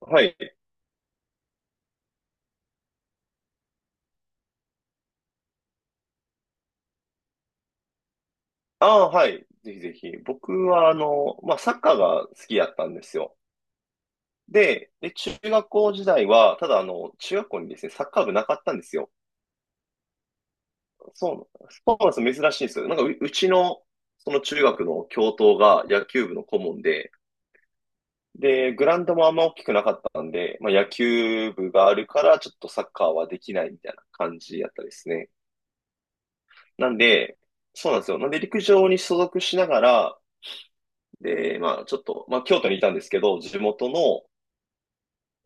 はい。ああ、はい。ぜひぜひ。僕は、まあ、サッカーが好きやったんですよ。で、中学校時代は、ただ、中学校にですね、サッカー部なかったんですよ。そうなんですよ。珍しいんですよ。なんかうちの、その中学の教頭が野球部の顧問で、で、グラウンドもあんま大きくなかったんで、まあ、野球部があるから、ちょっとサッカーはできないみたいな感じやったですね。なんで、そうなんですよ。なんで、陸上に所属しながら、で、まあ、ちょっと、まあ、京都にいたんですけど、地元の、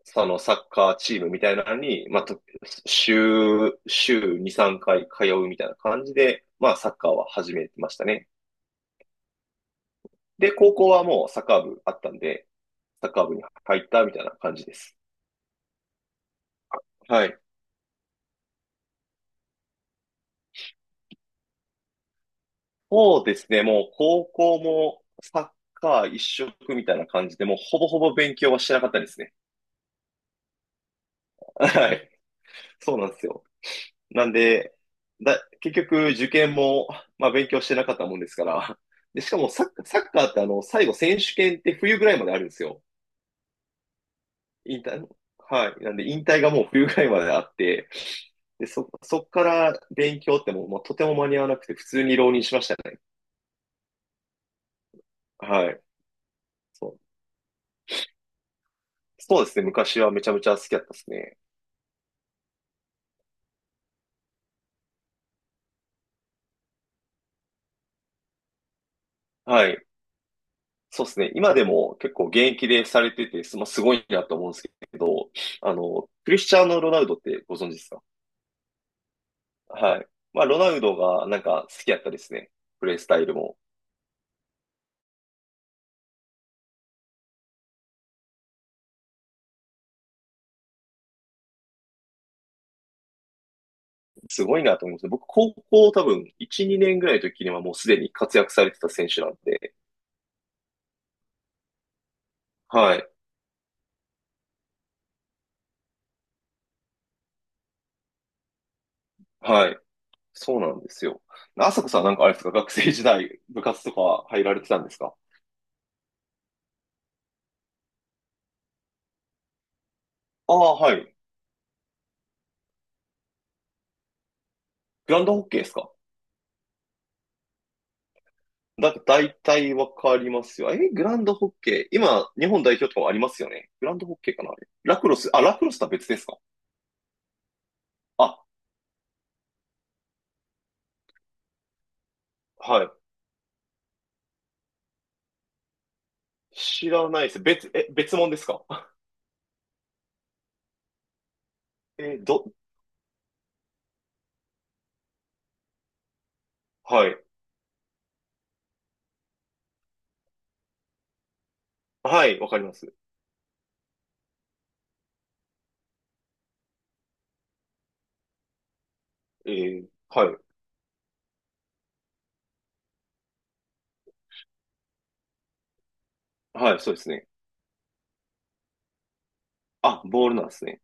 そのサッカーチームみたいなのに、まあ、週2、3回通うみたいな感じで、まあ、サッカーは始めてましたね。で、高校はもうサッカー部あったんで、サッカー部に入ったみたいな感じです。はい。そうですね、もう高校もサッカー一色みたいな感じで、もうほぼほぼ勉強はしてなかったですね。はい。そうなんですよ。なんで、結局受験も、まあ、勉強してなかったもんですから。で、しかもサッカーって最後選手権って冬ぐらいまであるんですよ。引退、はい。なんで引退がもう冬ぐらいまであって、で、そっから勉強ってもう、まあ、とても間に合わなくて、普通に浪人しましたね。はい。そう、そうですね。昔はめちゃめちゃ好きだったですね。はい。そうですね。今でも結構現役でされてて、まあ、すごいなと思うんですけど、クリスチャーノ・ロナウドってご存知ですか？はい。まあ、ロナウドがなんか好きやったですね。プレースタイルも。すごいなと思います。僕、高校多分、1、2年ぐらいの時にはもうすでに活躍されてた選手なんで。はい。はい。そうなんですよ。あさこさん、なんかあれですか？学生時代、部活とか入られてたんですか？ああ、はい。グランドホッケーですか？大体わかりますよ。え、グランドホッケー。今、日本代表とかもありますよね。グランドホッケーかな、あれ、ラクロス、あ、ラクロスとは別ですか？あ、はい。知らないです。別物ですか？ えど、はい。はい、わかります。はい。はい、そうですね。あ、ボールなんですね。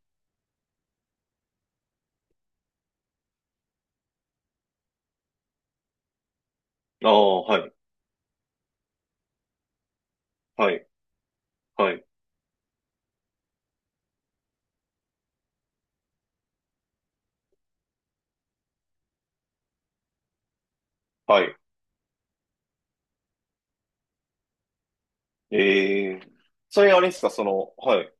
ああ、はい。はい。はい。はい。えー、それあれですか、その、はい。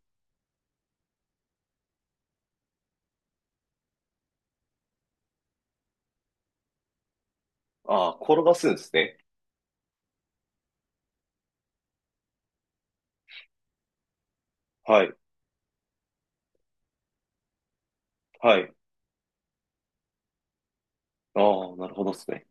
ああ、転がすんですね。はい。はい。ああ、なるほどですね。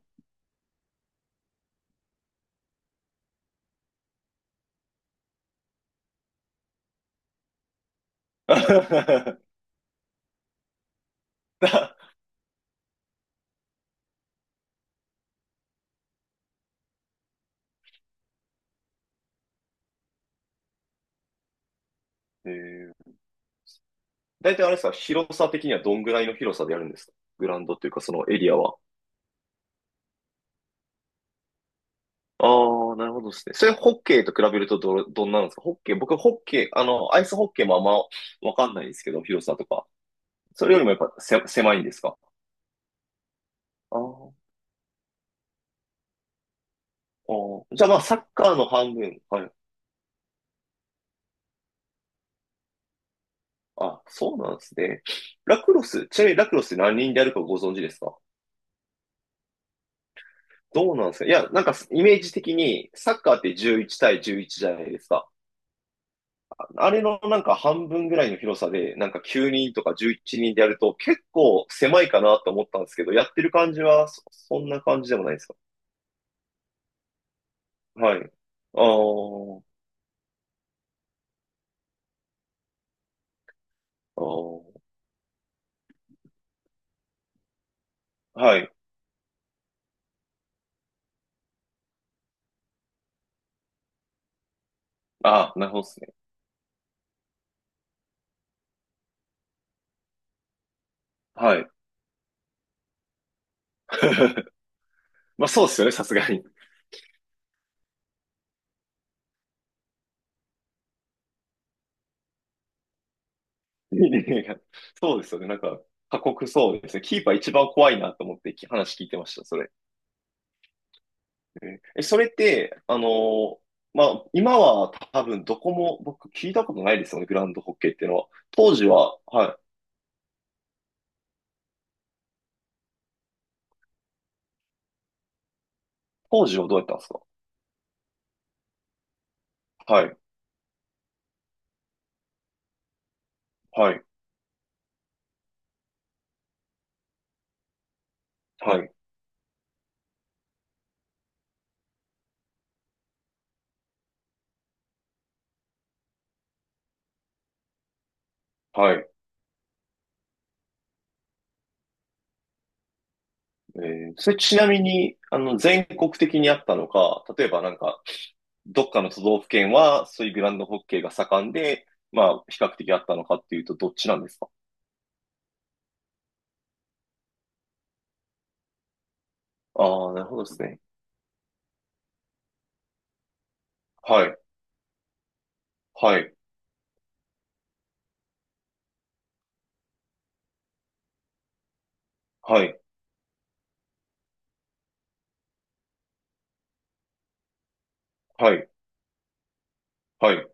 だえー、大体あれですか、広さ的にはどんぐらいの広さでやるんですか？グラウンドっていうか、そのエリアは。ああ、なるほどですね。それホッケーと比べるとどんなんですか？ホッケー、僕ホッケー、アイスホッケーもあんまわかんないんですけど、広さとか。それよりもやっぱ狭いんですか？ああ、じゃあまあ、サッカーの半分。はい。あ、そうなんですね。ラクロス、ちなみにラクロスって何人でやるかご存知ですか？どうなんですか？いや、なんかイメージ的にサッカーって11対11じゃないですか。あれのなんか半分ぐらいの広さで、なんか9人とか11人でやると結構狭いかなと思ったんですけど、やってる感じはそんな感じでもないですか？はい。ああ、ああ、はい。ああ、なるほどですね。はい。まあそうですよね、さすがに。そうですよね、なんか、過酷そうですね。キーパー一番怖いなと思って話聞いてました、それ。えそれって、まあ、今は多分どこも僕聞いたことないですよね、グラウンドホッケーっていうのは。当時は、はい。当時はどうやったんですか？はい、はい、はい、はい。それちなみに、全国的にあったのか、例えばなんか、どっかの都道府県は、そういうグラウンドホッケーが盛んで、まあ、比較的あったのかっていうと、どっちなんですか？ああ、なるほどですね。はい、はい、はい、はい、はい。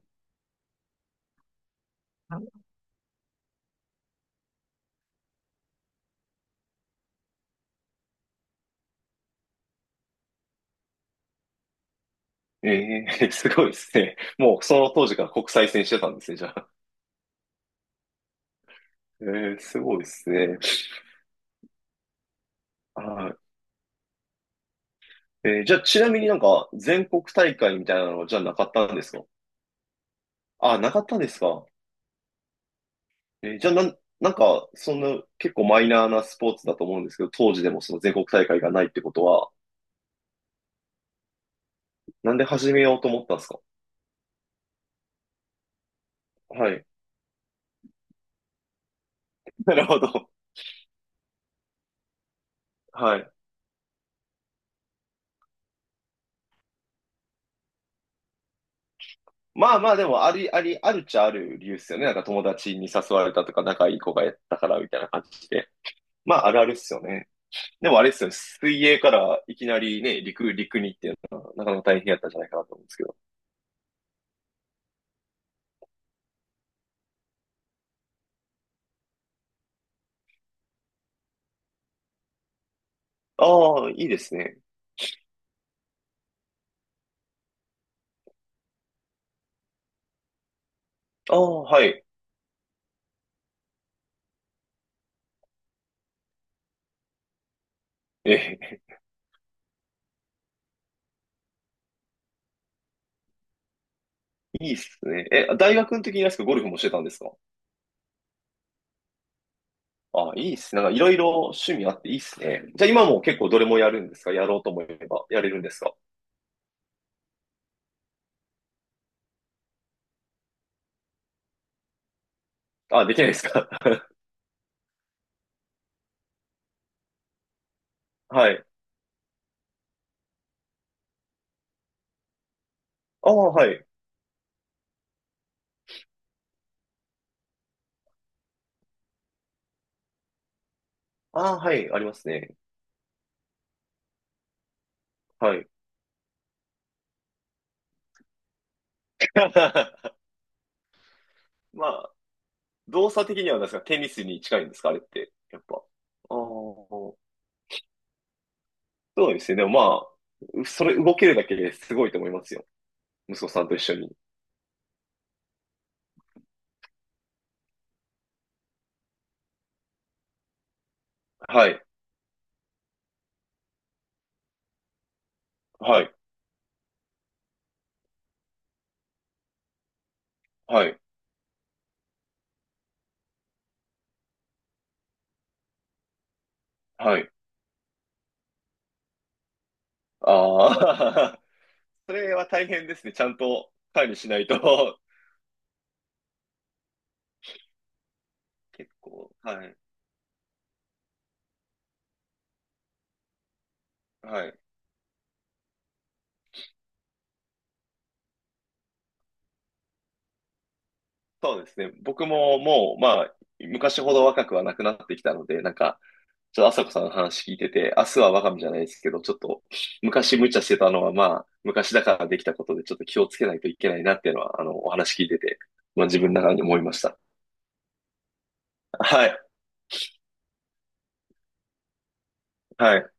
ええ すごいですね。もうその当時から国際線してたんですね、じゃあ。ええ、すごいですね。はい。じゃあ、ちなみになんか全国大会みたいなのはじゃあなかったんですか？あ、なかったんですか？じゃあ、なんか、そんな結構マイナーなスポーツだと思うんですけど、当時でもその全国大会がないってことは、なんで始めようと思ったんですか？はい。なるほど。はい。まあまあ、でも、あり、あり、あるっちゃある理由っすよね。なんか友達に誘われたとか、仲いい子がやったから、みたいな感じで。まあ、あるあるっすよね。でもあれっすよね。水泳からいきなりね、陸にっていうのは、なかなか大変やったんじゃないかなと思うんですけど。ああ、いいですね。ああ、はい。え、いいっすね。え、大学の時にあですか、ゴルフもしてたんですか？ああ、いいっすね。なんかいろいろ趣味あっていいっすね。じゃあ今も結構どれもやるんですか？やろうと思えば、やれるんですか？あ、できないですか？ はい。ああ、はい。ああ、はい。ありますね。はい。まあ、動作的にはなんですか、テニスに近いんですか、あれって。やっぱ。ああ、そうですね。でもまあ、それ動けるだけですごいと思いますよ。息子さんと一緒に。はい、はい、はい、はい。ああ、それは大変ですね。ちゃんと管理しないと。結構、はい、はい。そうですね。僕ももう、まあ、昔ほど若くはなくなってきたので、なんか、ちょっと朝子さんの話聞いてて、明日は我が身じゃないですけど、ちょっと昔無茶してたのは、まあ、昔だからできたことで、ちょっと気をつけないといけないなっていうのは、お話聞いてて、まあ自分の中に思いました。はい、はい。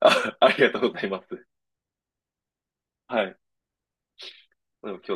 あ、ありがとうございます。はい。でも今日